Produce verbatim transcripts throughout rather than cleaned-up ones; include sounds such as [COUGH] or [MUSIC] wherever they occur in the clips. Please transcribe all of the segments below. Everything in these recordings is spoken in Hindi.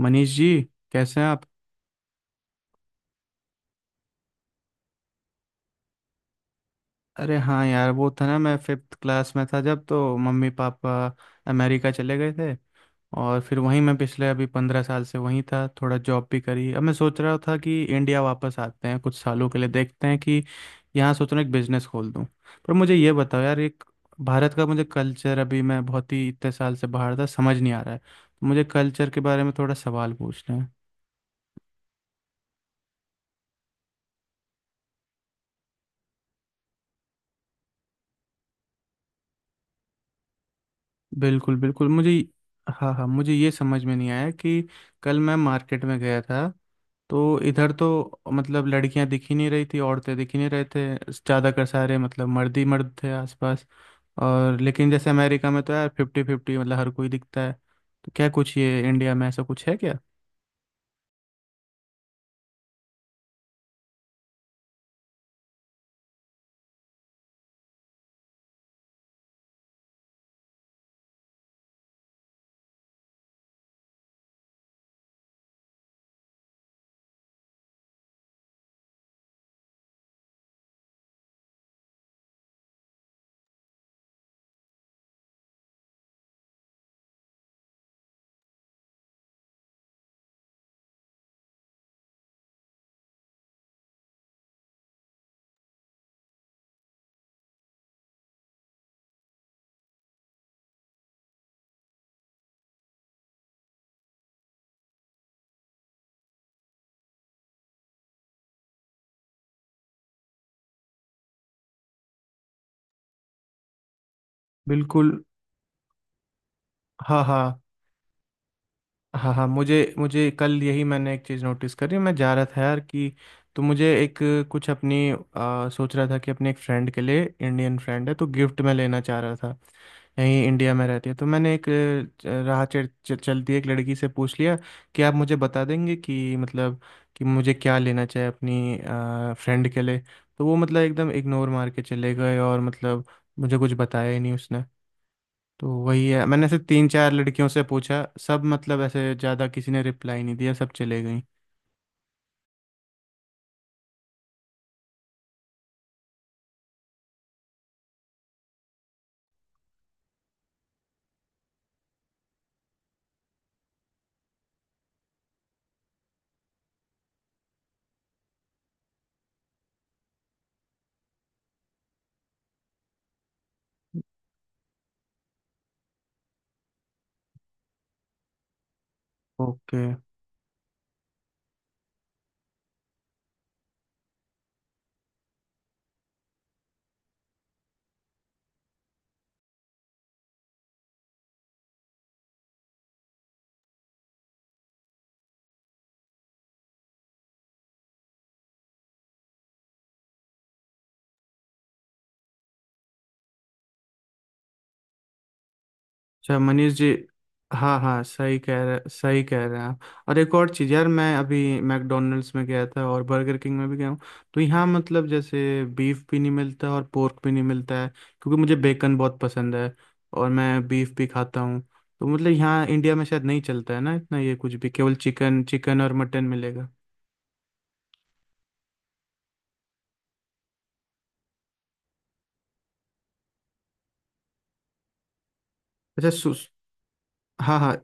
मनीष जी, कैसे हैं आप। अरे हाँ यार, वो था ना, मैं फिफ्थ क्लास में था जब तो मम्मी पापा अमेरिका चले गए थे। और फिर वहीं मैं पिछले अभी पंद्रह साल से वहीं था, थोड़ा जॉब भी करी। अब मैं सोच रहा था कि इंडिया वापस आते हैं कुछ सालों के लिए, देखते हैं कि यहाँ सोच रहा हूँ एक बिजनेस खोल दूँ। पर मुझे ये बताओ यार, एक भारत का मुझे कल्चर, अभी मैं बहुत ही इतने साल से बाहर था, समझ नहीं आ रहा है, तो मुझे कल्चर के बारे में थोड़ा सवाल पूछना है। बिल्कुल बिल्कुल, मुझे। हाँ हाँ, मुझे ये समझ में नहीं आया कि कल मैं मार्केट में गया था। तो इधर तो मतलब लड़कियां दिख ही नहीं रही थी, औरतें दिख ही नहीं रहे थे, ज़्यादातर सारे मतलब मर्द ही मर्द थे आसपास। और लेकिन जैसे अमेरिका में तो यार फिफ्टी फिफ्टी मतलब हर कोई दिखता है। तो क्या कुछ ये इंडिया में ऐसा कुछ है क्या? बिल्कुल। हाँ हाँ हाँ हाँ, मुझे मुझे कल यही मैंने एक चीज़ नोटिस करी, मैं जा रहा था यार कि, तो मुझे एक कुछ अपनी आ, सोच रहा था कि अपने एक फ्रेंड के लिए, इंडियन फ्रेंड है, तो गिफ्ट में लेना चाह रहा था। यहीं इंडिया में रहती है, तो मैंने एक अ, राह चल, चल- चलती एक लड़की से पूछ लिया कि आप मुझे बता देंगे कि मतलब, कि मुझे क्या लेना चाहिए अपनी फ्रेंड के लिए। तो वो मतलब एकदम इग्नोर मार के चले गए और मतलब मुझे कुछ बताया ही नहीं उसने। तो वही है, मैंने ऐसे तीन चार लड़कियों से पूछा, सब मतलब ऐसे ज़्यादा किसी ने रिप्लाई नहीं दिया, सब चले गई। ओके। अच्छा मनीष जी, हाँ हाँ, सही कह रहे सही कह रहे हैं आप। और एक और चीज़ यार, मैं अभी मैकडोनल्ड्स में गया था और बर्गर किंग में भी गया हूँ। तो यहाँ मतलब जैसे बीफ भी नहीं मिलता और पोर्क भी नहीं मिलता है। क्योंकि मुझे बेकन बहुत पसंद है और मैं बीफ भी खाता हूँ। तो मतलब यहाँ इंडिया में शायद नहीं चलता है ना इतना, ये कुछ भी केवल चिकन चिकन और मटन मिलेगा। अच्छा सु- हाँ हाँ।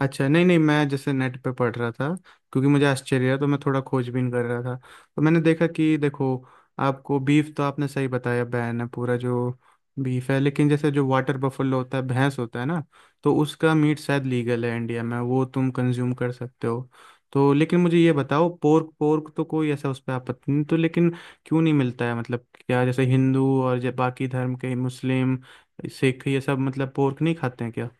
अच्छा, नहीं नहीं, मैं जैसे नेट पे पढ़ रहा था, क्योंकि मुझे आश्चर्य है, तो मैं थोड़ा खोजबीन कर रहा था। तो मैंने देखा कि देखो, आपको बीफ, तो आपने सही बताया बैन है पूरा जो बीफ है, लेकिन जैसे जो वाटर बफलो होता है, भैंस होता है ना। तो उसका मीट शायद लीगल है इंडिया में, वो तुम कंज्यूम कर सकते हो। तो लेकिन मुझे ये बताओ, पोर्क पोर्क तो कोई ऐसा उस पर आपत्ति नहीं, तो लेकिन क्यों नहीं मिलता है? मतलब क्या, जैसे हिंदू और जो बाकी धर्म के मुस्लिम, सिख, ये सब मतलब पोर्क नहीं खाते हैं क्या?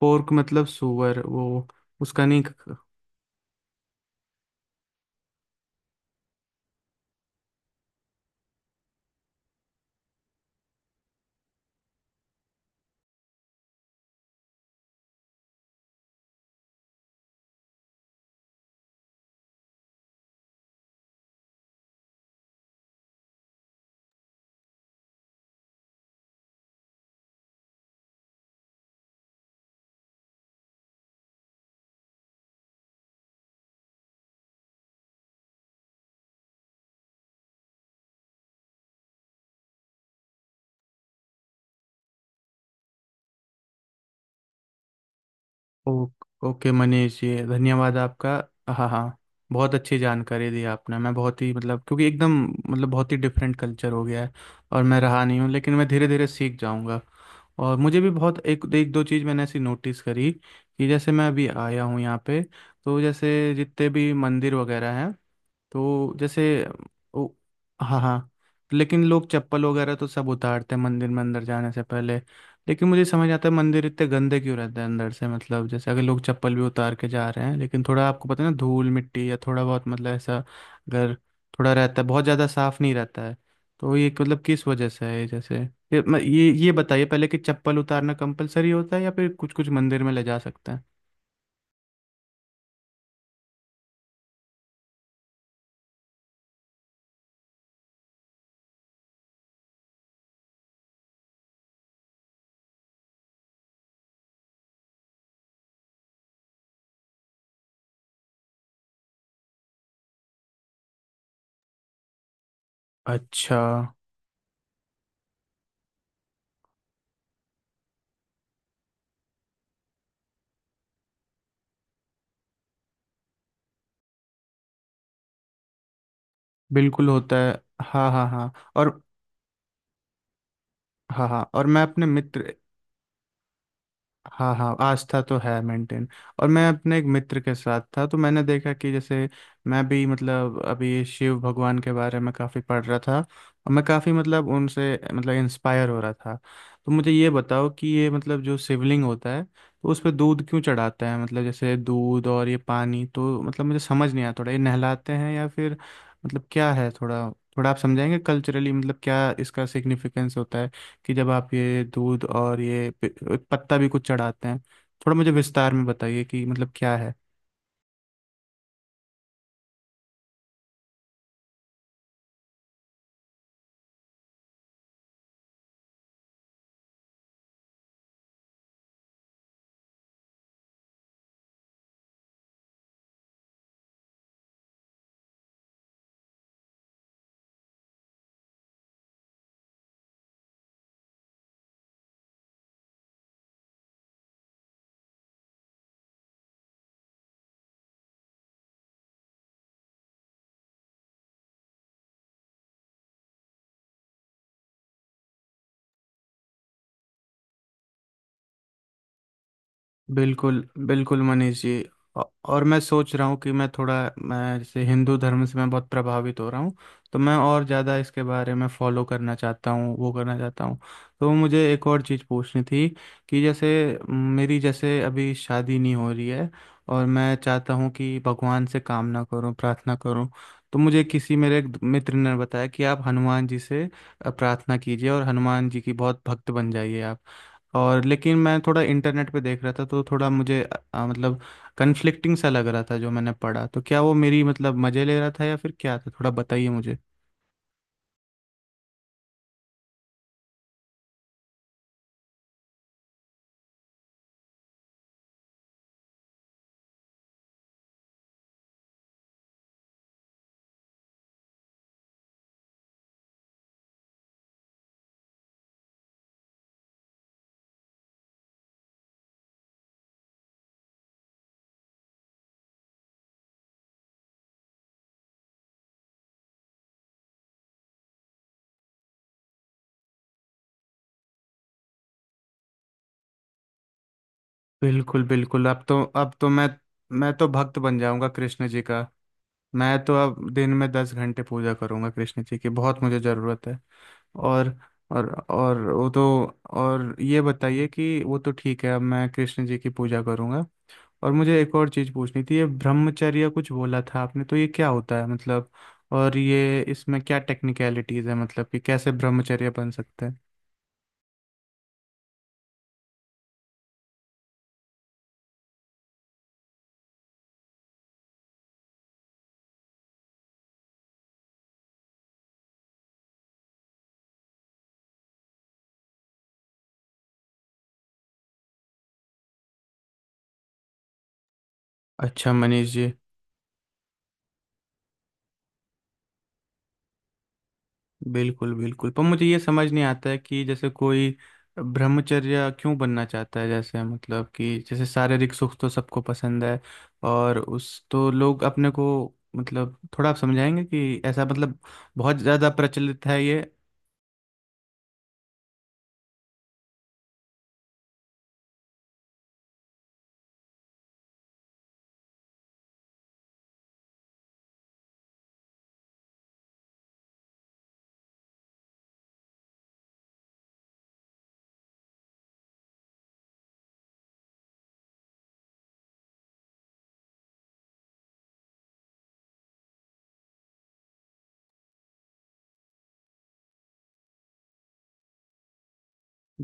पोर्क मतलब सुअर, वो, उसका नहीं। ओ, ओके मनीष, ये धन्यवाद आपका। हाँ हाँ, बहुत अच्छी जानकारी दी आपने, मैं बहुत ही मतलब, क्योंकि एकदम मतलब बहुत ही डिफरेंट कल्चर हो गया है। और मैं रहा नहीं हूँ, लेकिन मैं धीरे धीरे सीख जाऊँगा। और मुझे भी बहुत एक एक दो चीज़ मैंने ऐसी नोटिस करी, कि जैसे मैं अभी आया हूँ यहाँ पे। तो जैसे जितने भी मंदिर वगैरह हैं, तो जैसे, ओ, हाँ हाँ। लेकिन लोग चप्पल वगैरह तो सब उतारते हैं, मंदिर में अंदर जाने से पहले। लेकिन मुझे समझ आता है, मंदिर इतने गंदे क्यों रहते हैं अंदर से? मतलब जैसे अगर लोग चप्पल भी उतार के जा रहे हैं, लेकिन थोड़ा, आपको पता है ना, धूल मिट्टी या थोड़ा बहुत मतलब, ऐसा अगर थोड़ा रहता है, बहुत ज़्यादा साफ नहीं रहता है। तो ये मतलब किस वजह से है, ये जैसे ये म- ये ये बताइए पहले, कि चप्पल उतारना कंपलसरी होता है या फिर कुछ कुछ मंदिर में ले जा सकते हैं? अच्छा, बिल्कुल होता है। हाँ हाँ हाँ, और हाँ हाँ, और मैं अपने मित्र। हाँ हाँ, आस्था तो है मेंटेन। और मैं अपने एक मित्र के साथ था, तो मैंने देखा कि जैसे मैं भी मतलब अभी शिव भगवान के बारे में काफ़ी पढ़ रहा था और मैं काफ़ी मतलब उनसे मतलब इंस्पायर हो रहा था। तो मुझे ये बताओ कि ये मतलब जो शिवलिंग होता है, तो उस पर दूध क्यों चढ़ाते हैं? मतलब जैसे दूध और ये पानी तो मतलब मुझे समझ नहीं आया थोड़ा, ये नहलाते हैं या फिर, मतलब क्या है थोड़ा? थोड़ा आप समझाएंगे कल्चरली, मतलब क्या इसका सिग्निफिकेंस होता है, कि जब आप ये दूध और ये प- पत्ता भी कुछ चढ़ाते हैं। थोड़ा मुझे विस्तार में बताइए कि मतलब क्या है। बिल्कुल बिल्कुल मनीष जी, औ- और मैं सोच रहा हूँ कि मैं थोड़ा, मैं जैसे हिंदू धर्म से मैं बहुत प्रभावित हो रहा हूँ। तो मैं और ज़्यादा इसके बारे में फॉलो करना चाहता हूँ, वो करना चाहता हूँ। तो मुझे एक और चीज़ पूछनी थी, कि जैसे म, मेरी जैसे अभी शादी नहीं हो रही है। और मैं चाहता हूँ कि भगवान से कामना करूँ, प्रार्थना करूँ। तो मुझे किसी मेरे एक मित्र ने बताया कि आप हनुमान जी से अ, प्रार्थना कीजिए और हनुमान जी की बहुत भक्त बन जाइए आप। और लेकिन मैं थोड़ा इंटरनेट पे देख रहा था, तो थोड़ा मुझे आ, मतलब कन्फ्लिक्टिंग सा लग रहा था जो मैंने पढ़ा, तो क्या वो मेरी मतलब मज़े ले रहा था या फिर क्या था, थोड़ा बताइए मुझे। बिल्कुल बिल्कुल, अब तो अब तो मैं मैं तो भक्त बन जाऊंगा कृष्ण जी का। मैं तो अब दिन में दस घंटे पूजा करूंगा कृष्ण जी की, बहुत मुझे ज़रूरत है। और और और वो तो, और ये बताइए कि वो तो ठीक है, अब मैं कृष्ण जी की पूजा करूंगा। और मुझे एक और चीज़ पूछनी थी, ये ब्रह्मचर्य कुछ बोला था आपने, तो ये क्या होता है मतलब? और ये इसमें क्या टेक्निकलिटीज़ है, मतलब कि कैसे ब्रह्मचर्य बन सकते हैं? अच्छा मनीष जी, बिल्कुल बिल्कुल, पर मुझे ये समझ नहीं आता है कि जैसे कोई ब्रह्मचर्य क्यों बनना चाहता है? जैसे मतलब, कि जैसे शारीरिक सुख तो सबको पसंद है, और उस तो लोग अपने को, मतलब थोड़ा आप समझाएंगे कि ऐसा मतलब बहुत ज़्यादा प्रचलित है ये?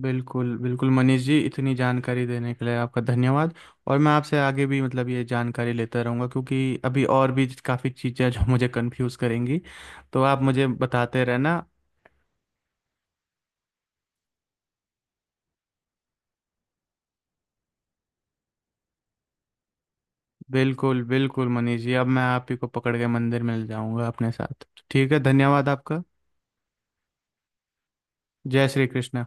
बिल्कुल बिल्कुल मनीष जी, इतनी जानकारी देने के लिए आपका धन्यवाद। और मैं आपसे आगे भी मतलब ये जानकारी लेता रहूँगा, क्योंकि अभी और भी काफ़ी चीज़ें जो [LAUGHS] मुझे कंफ्यूज करेंगी। तो आप मुझे बताते रहना। बिल्कुल बिल्कुल मनीष जी, अब मैं आप ही को पकड़ के मंदिर में ले जाऊँगा अपने साथ। ठीक है, धन्यवाद आपका। जय श्री कृष्ण।